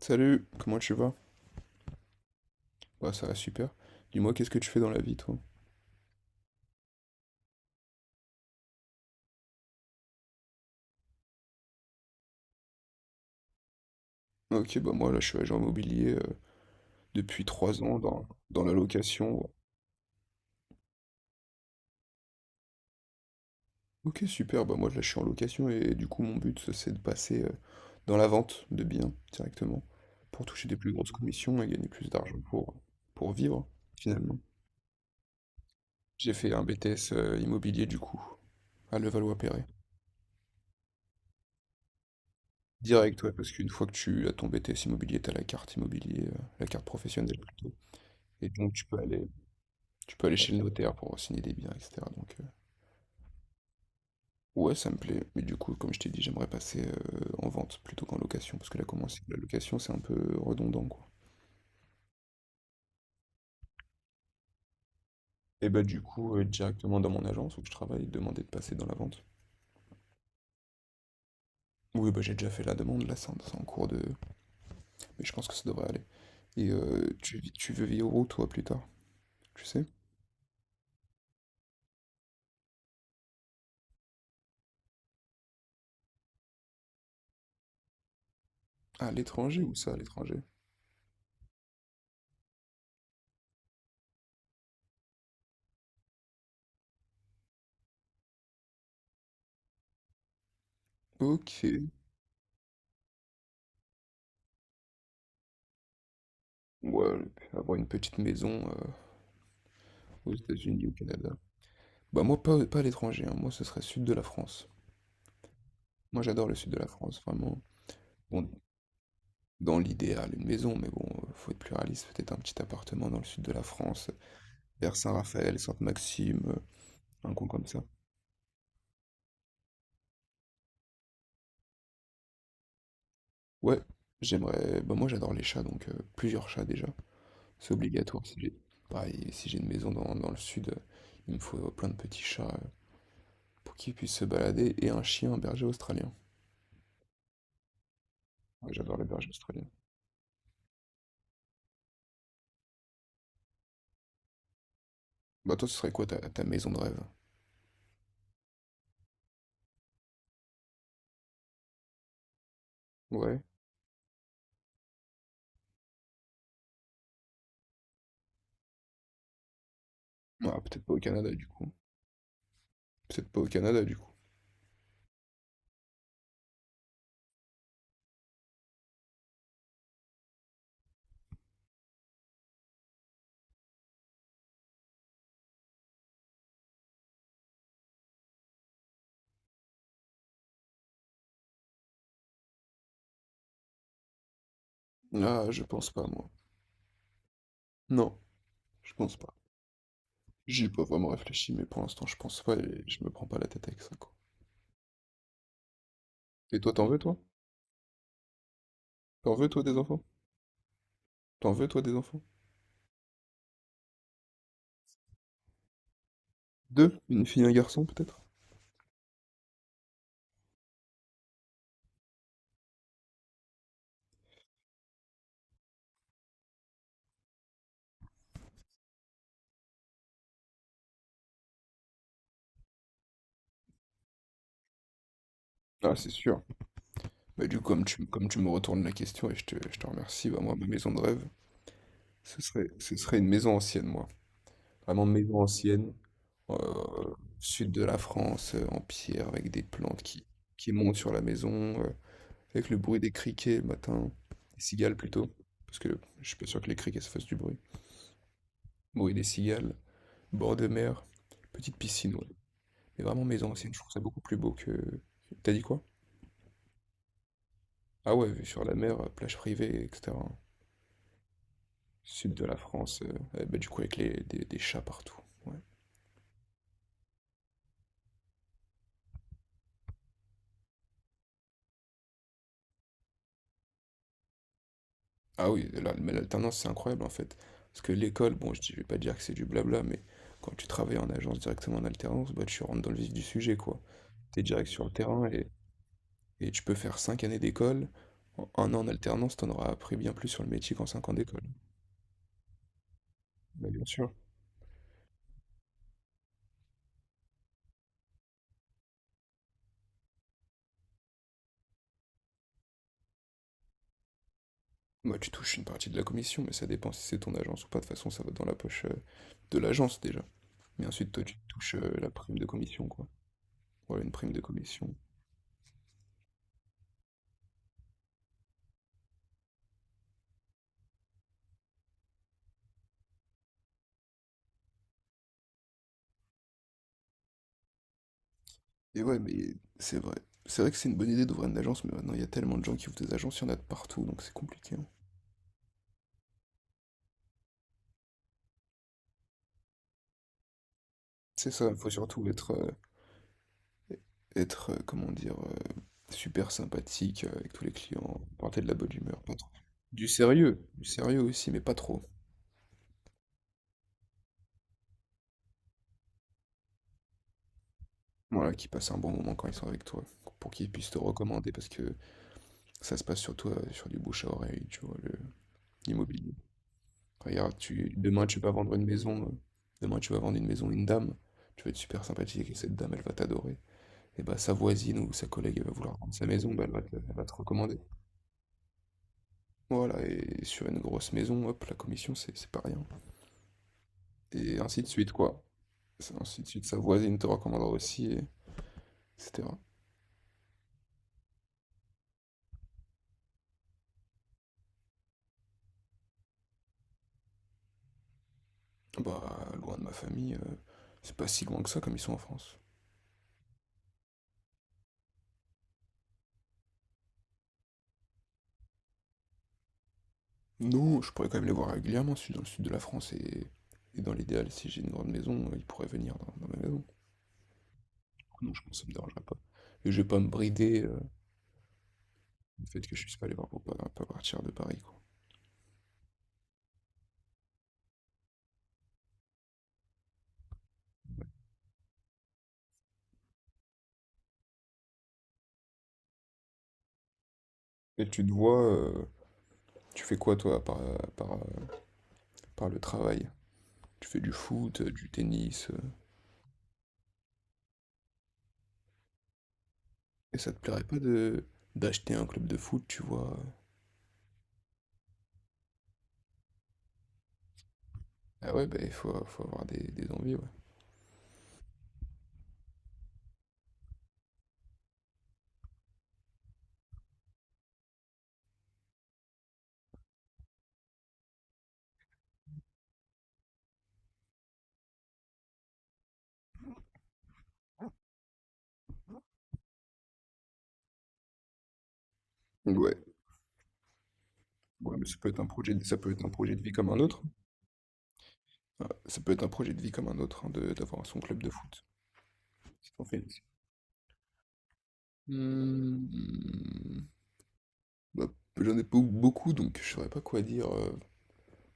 Salut, comment tu vas? Bah ça va super. Dis-moi, qu'est-ce que tu fais dans la vie, toi? Ok, bah moi là je suis agent immobilier depuis 3 ans dans la location. Ok, super, bah moi là je suis en location et du coup mon but ça, c'est de passer dans la vente de biens directement pour toucher des plus grosses commissions et gagner plus d'argent pour vivre finalement. J'ai fait un BTS immobilier du coup à Levallois-Perret. Direct, ouais, parce qu'une fois que tu as ton BTS immobilier, t'as la carte immobilier, la carte professionnelle plutôt. Et donc tu peux aller chez le notaire pour signer des biens, etc. Donc, ouais, ça me plaît. Mais du coup, comme je t'ai dit, j'aimerais passer en vente plutôt qu'en location. Parce que là, la location, c'est un peu redondant, quoi. Et bah, du coup, directement dans mon agence où je travaille, demander de passer dans la vente. Oui, bah, j'ai déjà fait la demande. Là, c'est en cours de. Mais je pense que ça devrait aller. Et tu veux vivre où, toi, plus tard? Tu sais? À l'étranger ou ça, à l'étranger? Ok. Ouais, avoir une petite maison aux États-Unis, au Canada. Bah, moi, pas à l'étranger, hein. Moi, ce serait sud de la France. Moi, j'adore le sud de la France, vraiment. Bon, dans l'idéal, une maison, mais bon, faut être plus réaliste. Peut-être un petit appartement dans le sud de la France, vers Saint-Raphaël, Sainte-Maxime, un coin comme ça. Ouais, j'aimerais. Bah, moi, j'adore les chats, donc plusieurs chats déjà. C'est obligatoire. Si j'ai une maison dans le sud, il me faut plein de petits chats pour qu'ils puissent se balader et un chien, un berger australien. Ouais, j'adore les bergers australiens. Bah, toi, ce serait quoi ta maison de rêve? Ouais. Ah, peut-être pas au Canada, du coup. Peut-être pas au Canada, du coup. Ah, je pense pas, moi. Non, je pense pas. J'y ai pas vraiment réfléchi, mais pour l'instant, je pense pas et je me prends pas la tête avec ça, quoi. Et toi, t'en veux, toi? T'en veux, toi, des enfants? T'en veux, toi, des enfants? Deux? Une fille, un garçon, peut-être? Ah, c'est sûr. Bah, du coup, comme tu me retournes la question et je te remercie, bah, moi, ma maison de rêve, ce serait une maison ancienne, moi. Vraiment maison ancienne, sud de la France, en pierre, avec des plantes qui montent sur la maison, avec le bruit des criquets le matin, des cigales plutôt, parce que je suis pas sûr que les criquets se fassent du bruit. Bruit des cigales, bord de mer, petite piscine, ouais. Mais vraiment maison ancienne, je trouve ça beaucoup plus beau que... T'as dit quoi? Ah ouais, vue sur la mer, plage privée, etc. Sud de la France, bah, du coup avec des chats partout. Ouais. Ah oui, mais l'alternance, c'est incroyable en fait. Parce que l'école, bon, je vais pas dire que c'est du blabla, mais quand tu travailles en agence directement en alternance, bah, tu rentres dans le vif du sujet, quoi. T'es direct sur le terrain et tu peux faire 5 années d'école. En 1 an en alternance, t'en auras appris bien plus sur le métier qu'en 5 ans d'école. Bah, bien sûr. Moi, tu touches une partie de la commission, mais ça dépend si c'est ton agence ou pas. De toute façon, ça va dans la poche de l'agence déjà. Mais ensuite, toi, tu touches la prime de commission, quoi. Voilà, une prime de commission. Et ouais, mais c'est vrai. C'est vrai que c'est une bonne idée d'ouvrir une agence, mais maintenant, il y a tellement de gens qui ouvrent des agences, il y en a de partout, donc c'est compliqué, hein. C'est ça, il faut surtout être, comment dire, super sympathique avec tous les clients, porter de la bonne humeur, pas trop. Du sérieux aussi, mais pas trop. Voilà, qu'ils passent un bon moment quand ils sont avec toi, pour qu'ils puissent te recommander, parce que ça se passe surtout sur du bouche à oreille, tu vois, l'immobilier. Enfin, regarde, demain tu vas vendre une maison à une dame, tu vas être super sympathique avec cette dame, elle va t'adorer. Et bah sa voisine ou sa collègue, elle va vouloir vendre sa maison, bah, elle va te recommander. Voilà, et sur une grosse maison, hop, la commission, c'est pas rien. Et ainsi de suite, quoi. C'est ainsi de suite, sa voisine te recommandera aussi, etc. Bah, loin de ma famille, c'est pas si loin que ça comme ils sont en France. Non, je pourrais quand même les voir régulièrement. Je suis dans le sud de la France et dans l'idéal, si j'ai une grande maison, ils pourraient venir dans ma maison. Donc. Non, je pense que ça me dérangerait pas. Et je vais pas me brider le fait que je puisse pas les voir pour pas partir de Paris, quoi. Et tu te vois, tu fais quoi toi par, par le travail? Tu fais du foot, du tennis, et ça te plairait pas de d'acheter un club de foot, tu vois? Ah ouais, bah il faut avoir des envies, ouais. Ouais, ouais, mais ça peut être un projet, ça peut être un projet de vie comme un autre. Ouais, ça peut être un projet de vie comme un autre, hein, d'avoir son club de foot. C'est ton feeling. Hmm, bah, j'en ai pas eu beaucoup, donc je saurais pas quoi dire.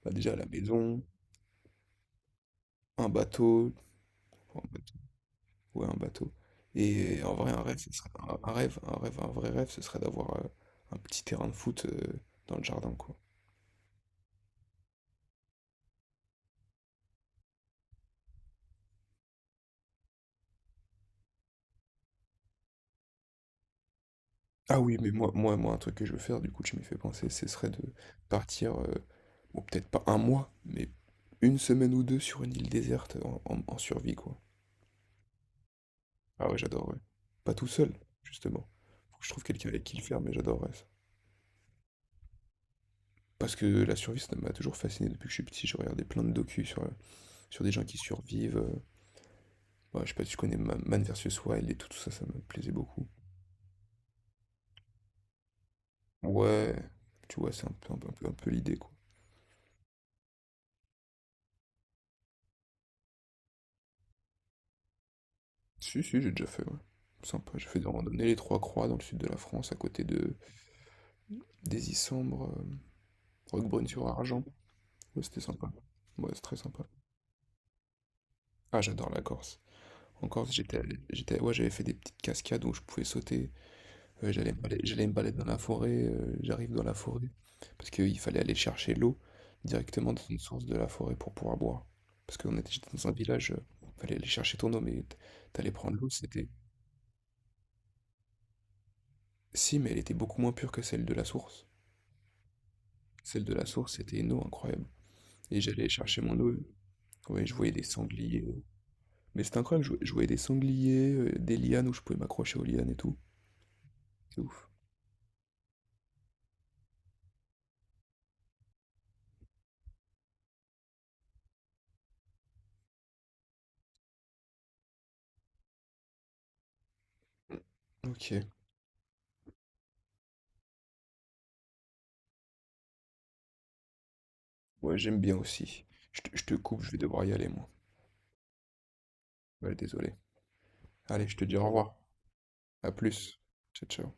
Bah, déjà la maison, un bateau, enfin, un bateau, ouais, un bateau. Et en vrai, un rêve, ce serait, un rêve, un rêve, un vrai rêve, ce serait d'avoir un petit terrain de foot dans le jardin, quoi. Ah oui, mais moi, un truc que je veux faire, du coup, tu m'y fais penser, ce serait de partir, bon, peut-être pas 1 mois, mais 1 semaine ou deux sur une île déserte en survie, quoi. Ah ouais, j'adorerais. Pas tout seul, justement. Faut que je trouve quelqu'un avec qui le faire, mais j'adorerais ça. Parce que la survie, ça m'a toujours fasciné depuis que je suis petit. J'ai regardé plein de docus sur des gens qui survivent. Ouais, je sais pas si tu connais Man vs Wild et tout, tout ça, ça me plaisait beaucoup. Ouais, tu vois, c'est un peu l'idée, quoi. Si, si, j'ai déjà fait, ouais. Sympa, j'ai fait des randonnées les Trois Croix dans le sud de la France, à côté de des Isambres, Roquebrune-sur-Argent. Ouais, c'était sympa. Ouais, c'est très sympa. Ah, j'adore la Corse. Encore, ouais, j'avais fait des petites cascades où je pouvais sauter. J'allais me balader dans la forêt. J'arrive dans la forêt parce qu'il fallait aller chercher l'eau directement dans une source de la forêt pour pouvoir boire. Parce qu'on était j'étais dans un village, fallait aller chercher ton eau, mais t'allais prendre l'eau, c'était. Si, mais elle était beaucoup moins pure que celle de la source. Celle de la source, c'était une eau incroyable. Et j'allais chercher mon eau. Ouais, je voyais des sangliers. Mais c'était incroyable, je voyais des sangliers, des lianes où je pouvais m'accrocher aux lianes et tout. C'est ouf. Ok. Ouais, j'aime bien aussi. Je te coupe, je vais devoir y aller, moi. Ouais, désolé. Allez, je te dis au revoir. À plus. Ciao, ciao.